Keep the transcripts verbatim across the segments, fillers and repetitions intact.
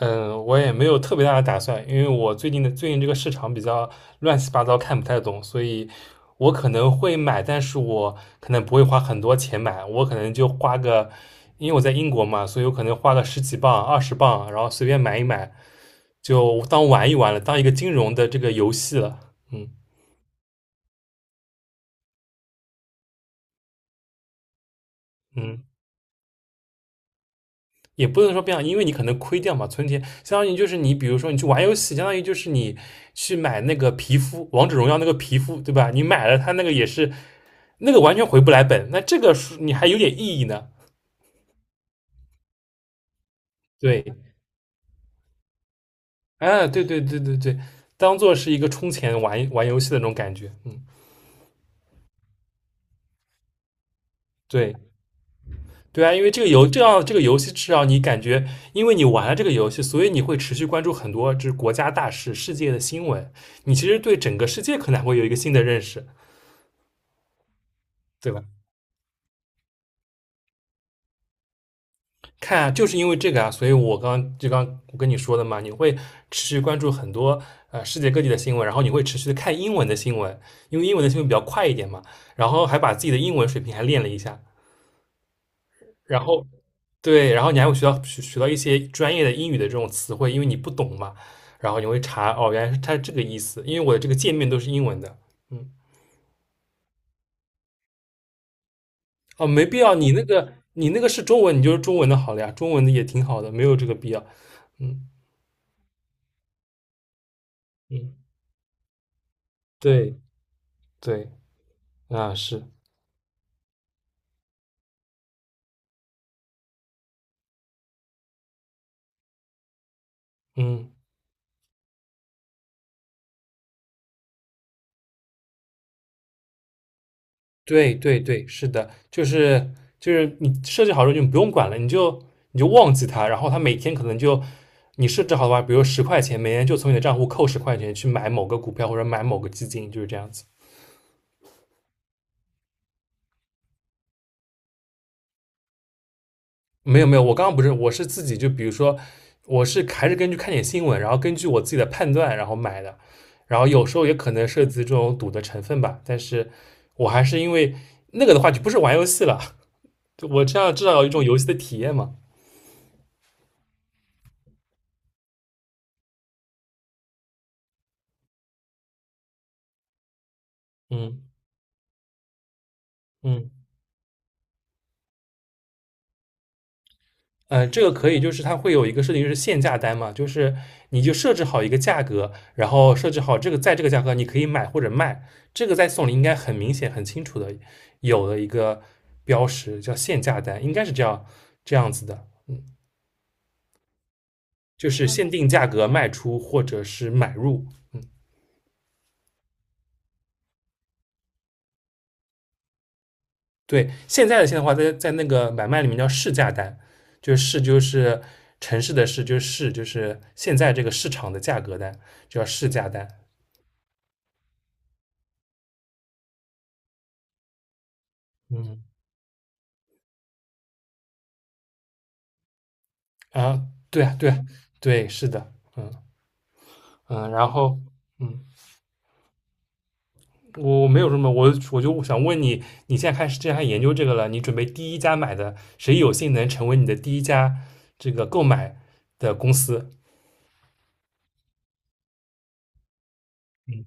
嗯，我也没有特别大的打算，因为我最近的最近这个市场比较乱七八糟，看不太懂，所以我可能会买，但是我可能不会花很多钱买，我可能就花个，因为我在英国嘛，所以我可能花个十几磅、二十磅，然后随便买一买，就当玩一玩了，当一个金融的这个游戏了。嗯嗯。也不能说变好，因为你可能亏掉嘛，存钱相当于就是你，比如说你去玩游戏，相当于就是你去买那个皮肤，王者荣耀那个皮肤，对吧？你买了它那个也是，那个完全回不来本，那这个是你还有点意义呢。对，啊，对对对对对，当做是一个充钱玩玩游戏的那种感觉，嗯，对。对啊，因为这个游这样这个游戏至少你感觉，因为你玩了这个游戏，所以你会持续关注很多就是国家大事、世界的新闻，你其实对整个世界可能还会有一个新的认识，对吧？看啊，就是因为这个啊，所以我刚刚就刚我跟你说的嘛，你会持续关注很多呃世界各地的新闻，然后你会持续的看英文的新闻，因为英文的新闻比较快一点嘛，然后还把自己的英文水平还练了一下，然后对，然后你还会学到学学到一些专业的英语的这种词汇，因为你不懂嘛，然后你会查哦，原来是它这个意思，因为我的这个界面都是英文的，嗯，哦，没必要，你那个你那个是中文，你就是中文的好了呀，中文的也挺好的，没有这个必要，嗯嗯，对对。啊，是，嗯，对对对，是的，就是就是你设置好之后就不用管了，你就你就忘记它，然后它每天可能就你设置好的话，比如十块钱，每天就从你的账户扣十块钱去买某个股票或者买某个基金，就是这样子。没有没有，我刚刚不是，我是自己就比如说，我是还是根据看点新闻，然后根据我自己的判断然后买的，然后有时候也可能涉及这种赌的成分吧，但是我还是因为那个的话就不是玩游戏了，就我这样至少有一种游戏的体验嘛。嗯嗯呃，这个可以，就是它会有一个设定，就是限价单嘛，就是你就设置好一个价格，然后设置好这个在这个价格你可以买或者卖，这个在送礼应该很明显、很清楚的有的一个标识叫限价单，应该是这样这样子的，就是限定价格卖出或者是买入。嗯，对，现在的现在的话，在在那个买卖里面叫市价单，就是市就是城市的市，就是市就是现在这个市场的价格单，就叫市价单。嗯。啊，对啊，对啊，对，是的，嗯嗯，然后嗯，我我没有什么，我我就想问你，你现在开始既然研究这个了，你准备第一家买的，谁有幸能成为你的第一家这个购买的公司？嗯，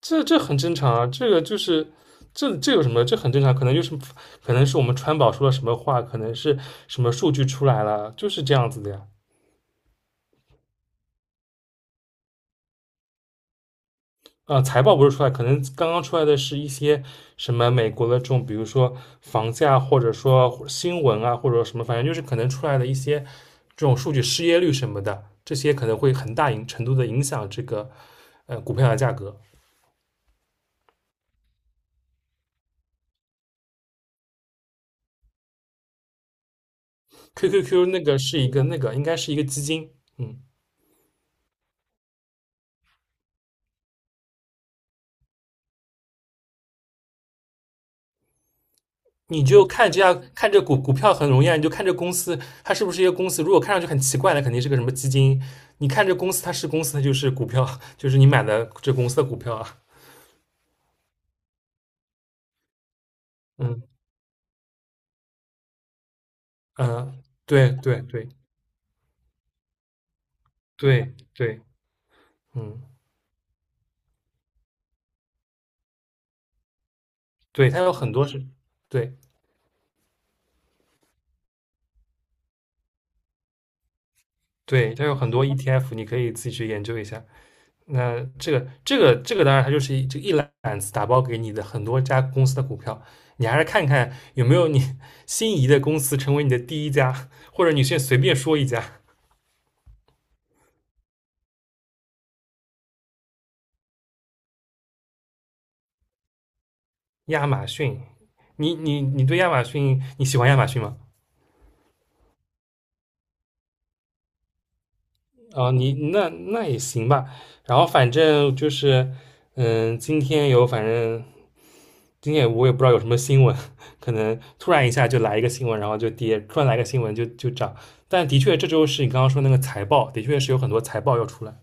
这这很正常啊，这个就是这这有什么？这很正常，可能就是可能是我们川宝说了什么话，可能是什么数据出来了，就是这样子的呀。呃，财报不是出来，可能刚刚出来的是一些什么美国的这种，比如说房价，或者说新闻啊，或者什么，反正就是可能出来的一些这种数据，失业率什么的，这些可能会很大影程度的影响这个呃股票的价格。Q Q Q 那个是一个那个应该是一个基金，嗯，你就看这样看这股股票很容易啊，你就看这公司它是不是一个公司，如果看上去很奇怪，那肯定是个什么基金。你看这公司它是公司，它就是股票，就是你买的这公司的股票啊，嗯。嗯，对对对对对，嗯，对，它有很多是，对对，它有很多 E T F，你可以自己去研究一下。那这个这个这个，当然它就是一这一揽子打包给你的很多家公司的股票，你还是看看有没有你心仪的公司成为你的第一家，或者你先随便说一家，亚马逊。你你你对亚马逊你喜欢亚马逊吗？啊，你那那也行吧。然后反正就是，嗯，今天有反正今天我也不知道有什么新闻，可能突然一下就来一个新闻，然后就跌；突然来个新闻就就涨。但的确，这周是你刚刚说那个财报，的确是有很多财报要出来。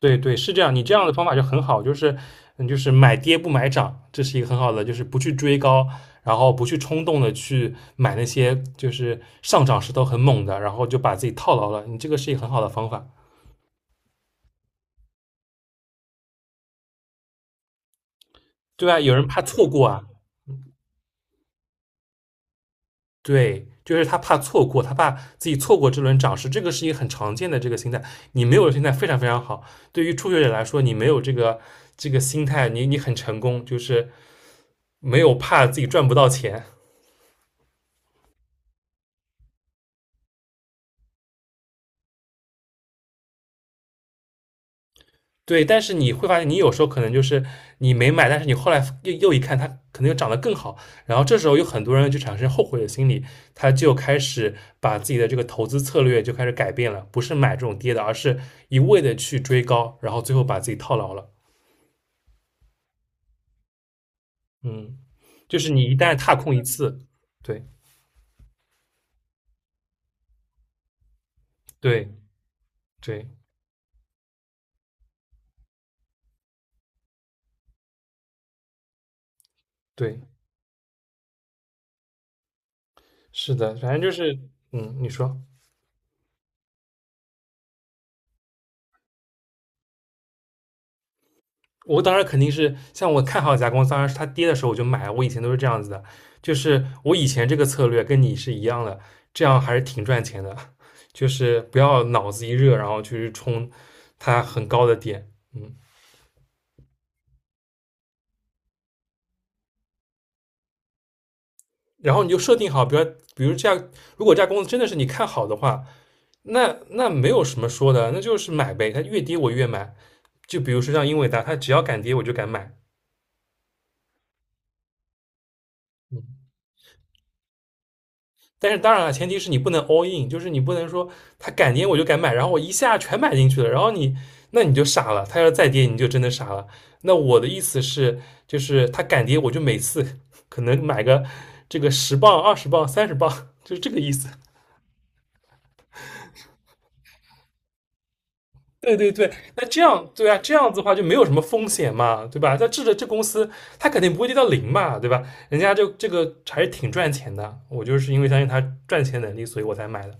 对对，是这样。你这样的方法就很好，就是嗯，就是买跌不买涨，这是一个很好的，就是不去追高，然后不去冲动的去买那些就是上涨势头很猛的，然后就把自己套牢了。你这个是一个很好的方法。对啊，有人怕错过啊，对，就是他怕错过，他怕自己错过这轮涨势，这个是一个很常见的这个心态。你没有心态非常非常好，对于初学者来说，你没有这个这个心态，你你很成功，就是没有怕自己赚不到钱。对，但是你会发现，你有时候可能就是你没买，但是你后来又又一看，它可能又涨得更好，然后这时候有很多人就产生后悔的心理，他就开始把自己的这个投资策略就开始改变了，不是买这种跌的，而是一味的去追高，然后最后把自己套牢了。嗯。就是你一旦踏空一次，对对对对，是的，反正就是嗯，你说。我当然肯定是像我看好一家公司，当然是它跌的时候我就买，我以前都是这样子的，就是我以前这个策略跟你是一样的，这样还是挺赚钱的，就是不要脑子一热然后去冲它很高的点，嗯，然后你就设定好，比如比如这样，如果这家公司真的是你看好的话，那那没有什么说的，那就是买呗，它越跌我越买，就比如说像英伟达，它只要敢跌我就敢买。嗯，但是当然了，前提是你不能 all in，就是你不能说它敢跌我就敢买，然后我一下全买进去了，然后你那你就傻了，它要再跌你就真的傻了。那我的意思是，就是它敢跌我就每次可能买个这个十磅、二十磅、三十磅，就是这个意思。对对对，那这样对啊，这样子的话就没有什么风险嘛，对吧？那这这这公司它肯定不会跌到零嘛，对吧？人家就这个还是挺赚钱的，我就是因为相信它赚钱能力，所以我才买的。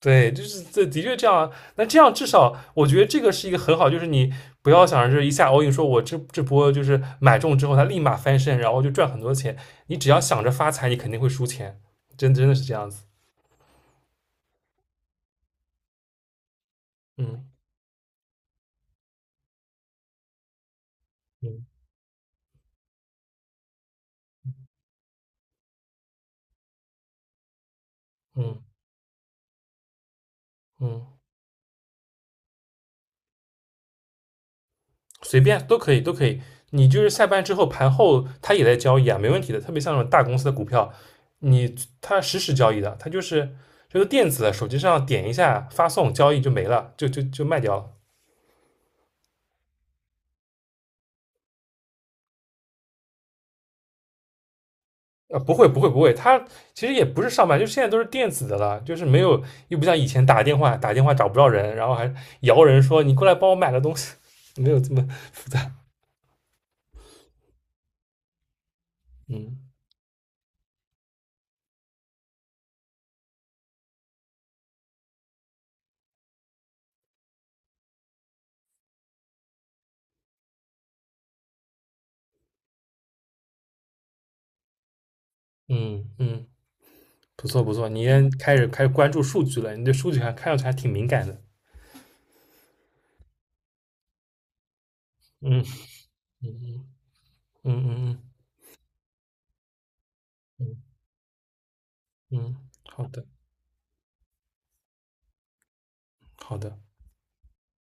对，就是这的确这样啊。那这样至少我觉得这个是一个很好，就是你不要想着一下 all in，说我这这波就是买中之后它立马翻身，然后就赚很多钱。你只要想着发财，你肯定会输钱，真真的是这样子。嗯嗯嗯嗯。随便都可以，都可以。你就是下班之后盘后，他也在交易啊，没问题的。特别像那种大公司的股票，你他实时交易的，他就是就是电子的，手机上点一下发送交易就没了，就就就卖掉了。啊，不会不会不会，他其实也不是上班，就现在都是电子的了，就是没有又不像以前打电话打电话找不着人，然后还摇人说你过来帮我买个东西，没有这么复杂。嗯嗯嗯，不错不错，你也开始开始关注数据了，你对数据还看上去还挺敏感的。嗯。嗯嗯嗯嗯嗯，嗯，嗯好的好的。